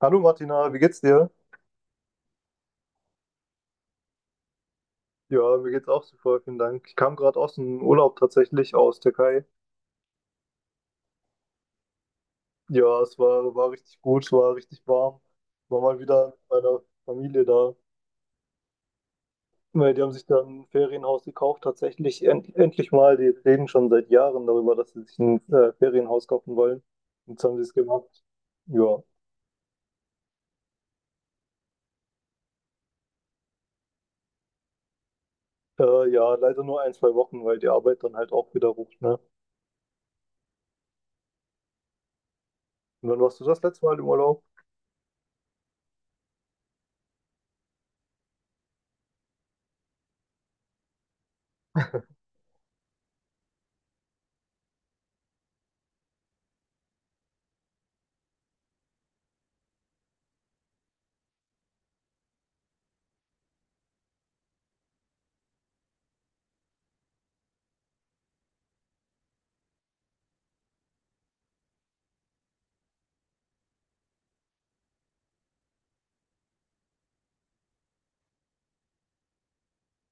Hallo Martina, wie geht's dir? Ja, mir geht's auch super, vielen Dank. Ich kam gerade aus dem Urlaub, tatsächlich aus Türkei. Ja, es war richtig gut, es war richtig warm. War mal wieder mit meiner Familie da. Weil die haben sich dann ein Ferienhaus gekauft, tatsächlich endlich mal. Die reden schon seit Jahren darüber, dass sie sich ein Ferienhaus kaufen wollen. Jetzt haben sie es gemacht. Ja. Ja, leider nur ein, zwei Wochen, weil die Arbeit dann halt auch wieder ruft, ne? Und wann warst du das letzte Mal im Urlaub?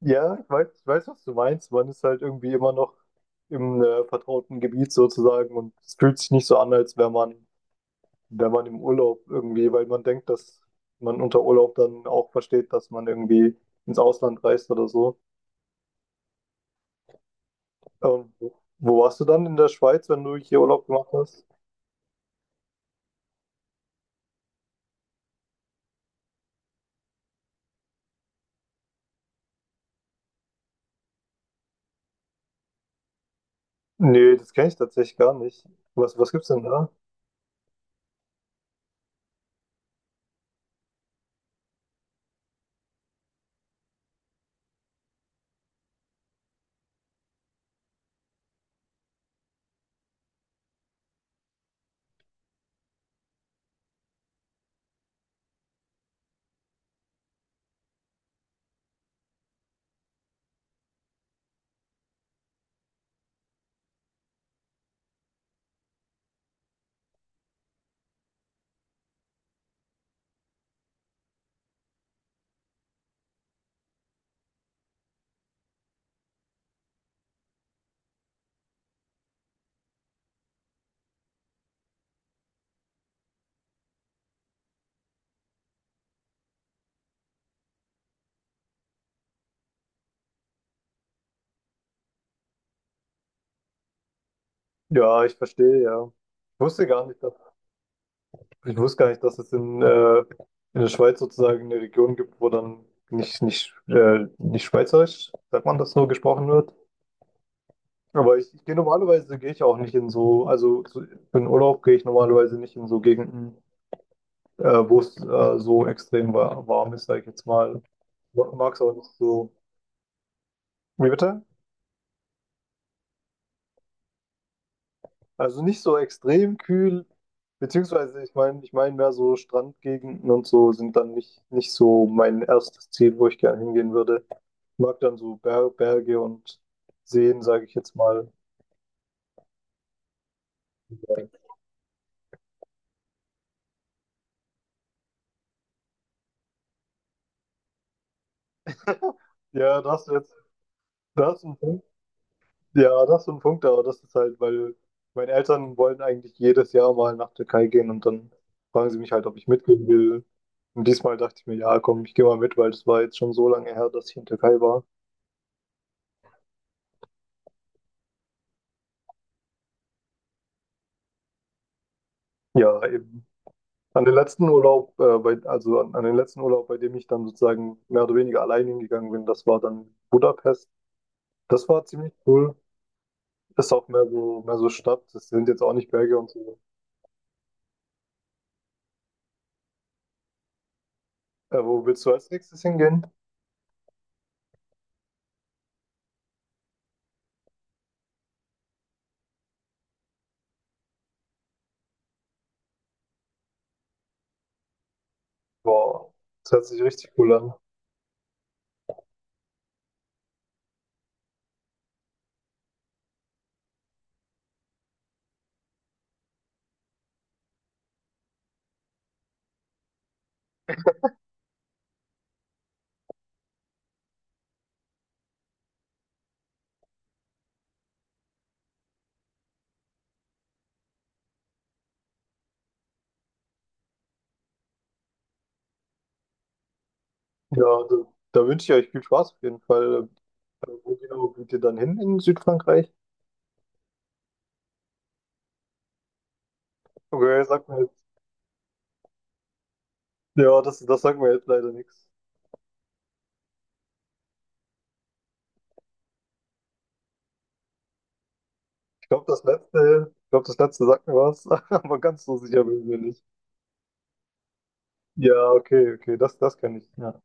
Ja, ich weiß, was du meinst. Man ist halt irgendwie immer noch im vertrauten Gebiet sozusagen, und es fühlt sich nicht so an, als wäre man im Urlaub irgendwie, weil man denkt, dass man unter Urlaub dann auch versteht, dass man irgendwie ins Ausland reist oder so. Ähm, wo wo warst du dann in der Schweiz, wenn du hier Urlaub gemacht hast? Nee, das kenne ich tatsächlich gar nicht. Was gibt's denn da? Ja, ich verstehe, ja. Ich wusste gar nicht, dass ich wusste gar nicht, dass es in der Schweiz sozusagen eine Region gibt, wo dann nicht Schweizerisch, sagt man das nur, gesprochen wird. Aber gehe ich auch nicht in so, also so, für den Urlaub gehe ich normalerweise nicht in so Gegenden, wo es so extrem warm ist, sage ich jetzt mal. Mag es auch nicht so. Wie bitte? Also nicht so extrem kühl, beziehungsweise ich meine mehr so Strandgegenden und so sind dann nicht so mein erstes Ziel, wo ich gerne hingehen würde. Mag dann so Berge und Seen, sage ich jetzt mal. Ja, das jetzt, das ist ein Punkt. Ja, das ist so ein Punkt, aber das ist halt, weil meine Eltern wollen eigentlich jedes Jahr mal nach Türkei gehen und dann fragen sie mich halt, ob ich mitgehen will. Und diesmal dachte ich mir, ja, komm, ich gehe mal mit, weil es war jetzt schon so lange her dass ich in Türkei war. Ja, eben. An den letzten Urlaub, bei, also an, an den letzten Urlaub, bei dem ich dann sozusagen mehr oder weniger allein hingegangen bin, das war dann Budapest. Das war ziemlich cool. Ist auch mehr so Stadt. Das sind jetzt auch nicht Berge und so. Wo willst du als nächstes hingehen? Boah, das hört sich richtig cool an. Ja, da, da wünsche ich euch viel Spaß auf jeden Fall. Wo genau geht ihr dann hin in Südfrankreich? Okay, sag mir jetzt. Ja, das sagt mir jetzt leider nichts. Ich glaube, ich glaube, das letzte sagt mir was, aber ganz so sicher bin ich mir nicht. Ja, okay, okay, das kann ich. Ja.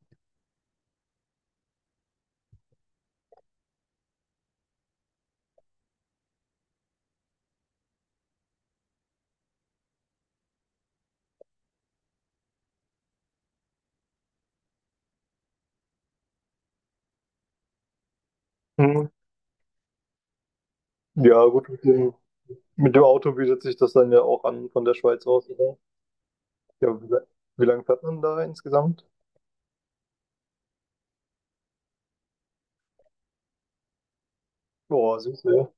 Hm. Ja gut, mit dem Auto bietet sich das dann ja auch an von der Schweiz aus. Ja, wie lange fährt man da insgesamt? Boah, süß, ja.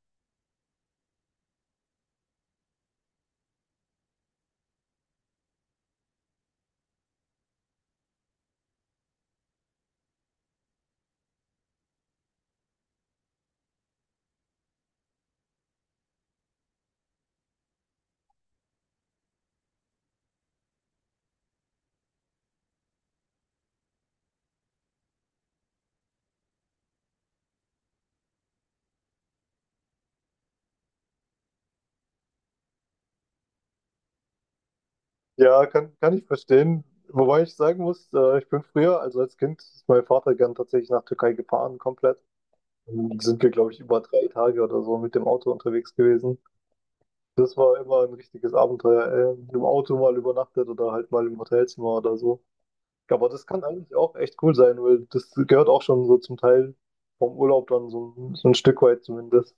Ja, kann ich verstehen. Wobei ich sagen muss, ich bin früher, also als Kind, ist mein Vater gern tatsächlich nach Türkei gefahren, komplett. Dann sind wir, glaube ich, über drei Tage oder so mit dem Auto unterwegs gewesen. Das war immer ein richtiges Abenteuer. Im Auto mal übernachtet oder halt mal im Hotelzimmer oder so. Aber das kann eigentlich auch echt cool sein, weil das gehört auch schon so zum Teil vom Urlaub dann so, so ein Stück weit zumindest.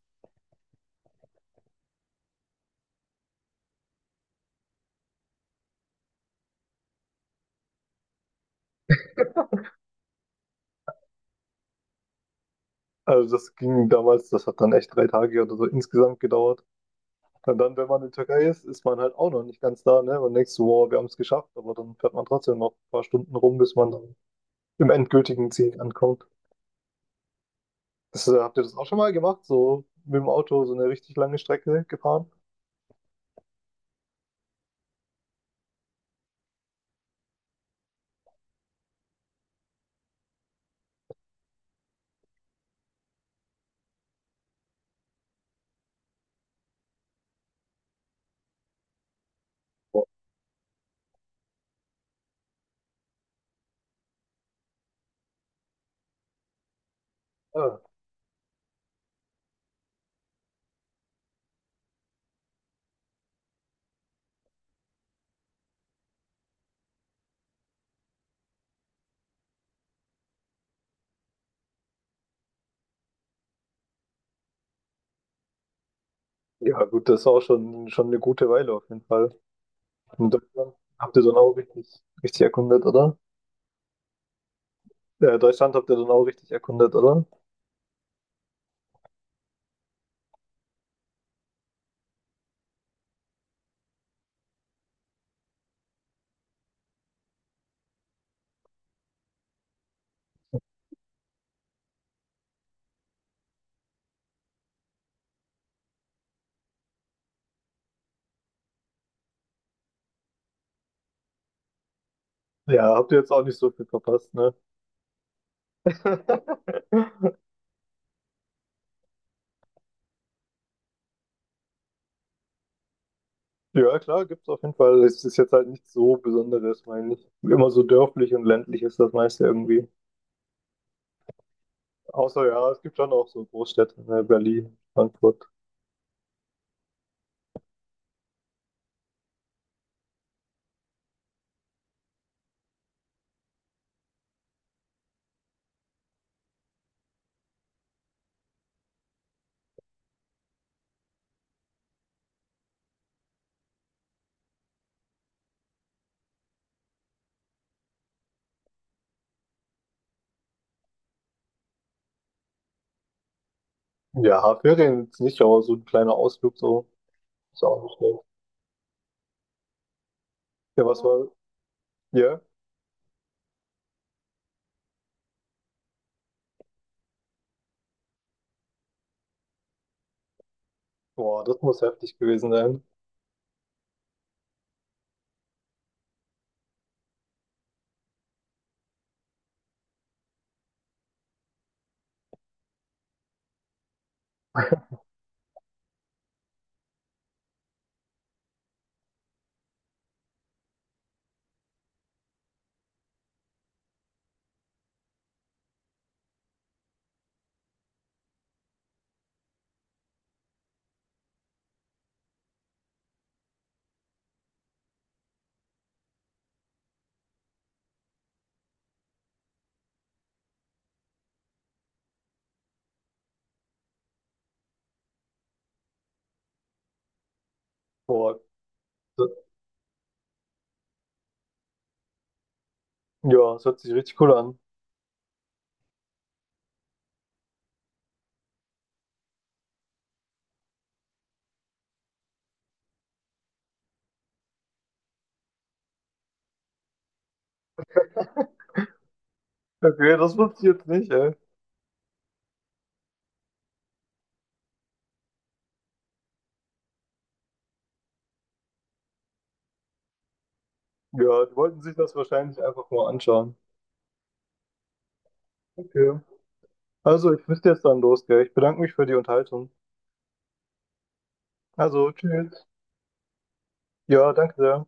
Also das ging damals, das hat dann echt drei Tage oder so insgesamt gedauert. Und dann, wenn man in der Türkei ist, ist man halt auch noch nicht ganz da, ne? Man denkt so, wow, wir haben es geschafft, aber dann fährt man trotzdem noch ein paar Stunden rum, bis man dann im endgültigen Ziel ankommt. Habt ihr das auch schon mal gemacht? So mit dem Auto so eine richtig lange Strecke gefahren? Ja, ja gut, das ist auch schon eine gute Weile auf jeden Fall. In Deutschland habt ihr dann auch richtig erkundet, oder? Ja, Deutschland habt ihr dann auch richtig erkundet, oder? Ja, habt ihr jetzt auch nicht so viel verpasst, ne? Ja, klar, gibt es auf jeden Fall. Es ist jetzt halt nichts so Besonderes, meine ich. Immer so dörflich und ländlich ist das meiste irgendwie. Außer ja, es gibt schon auch so Großstädte, ne, Berlin, Frankfurt. Ja, Ferien jetzt nicht, aber so ein kleiner Ausflug so ist auch nicht schlecht. Ja, was Ja. war? Ja, boah, das muss heftig gewesen sein. Boah, das, ja, das hört sich richtig cool an. Okay, das wusste ich jetzt nicht, ey. Ja, die wollten sich das wahrscheinlich einfach nur anschauen. Okay. Also, ich müsste jetzt dann los, gell? Ich bedanke mich für die Unterhaltung. Also, tschüss. Ja, danke sehr.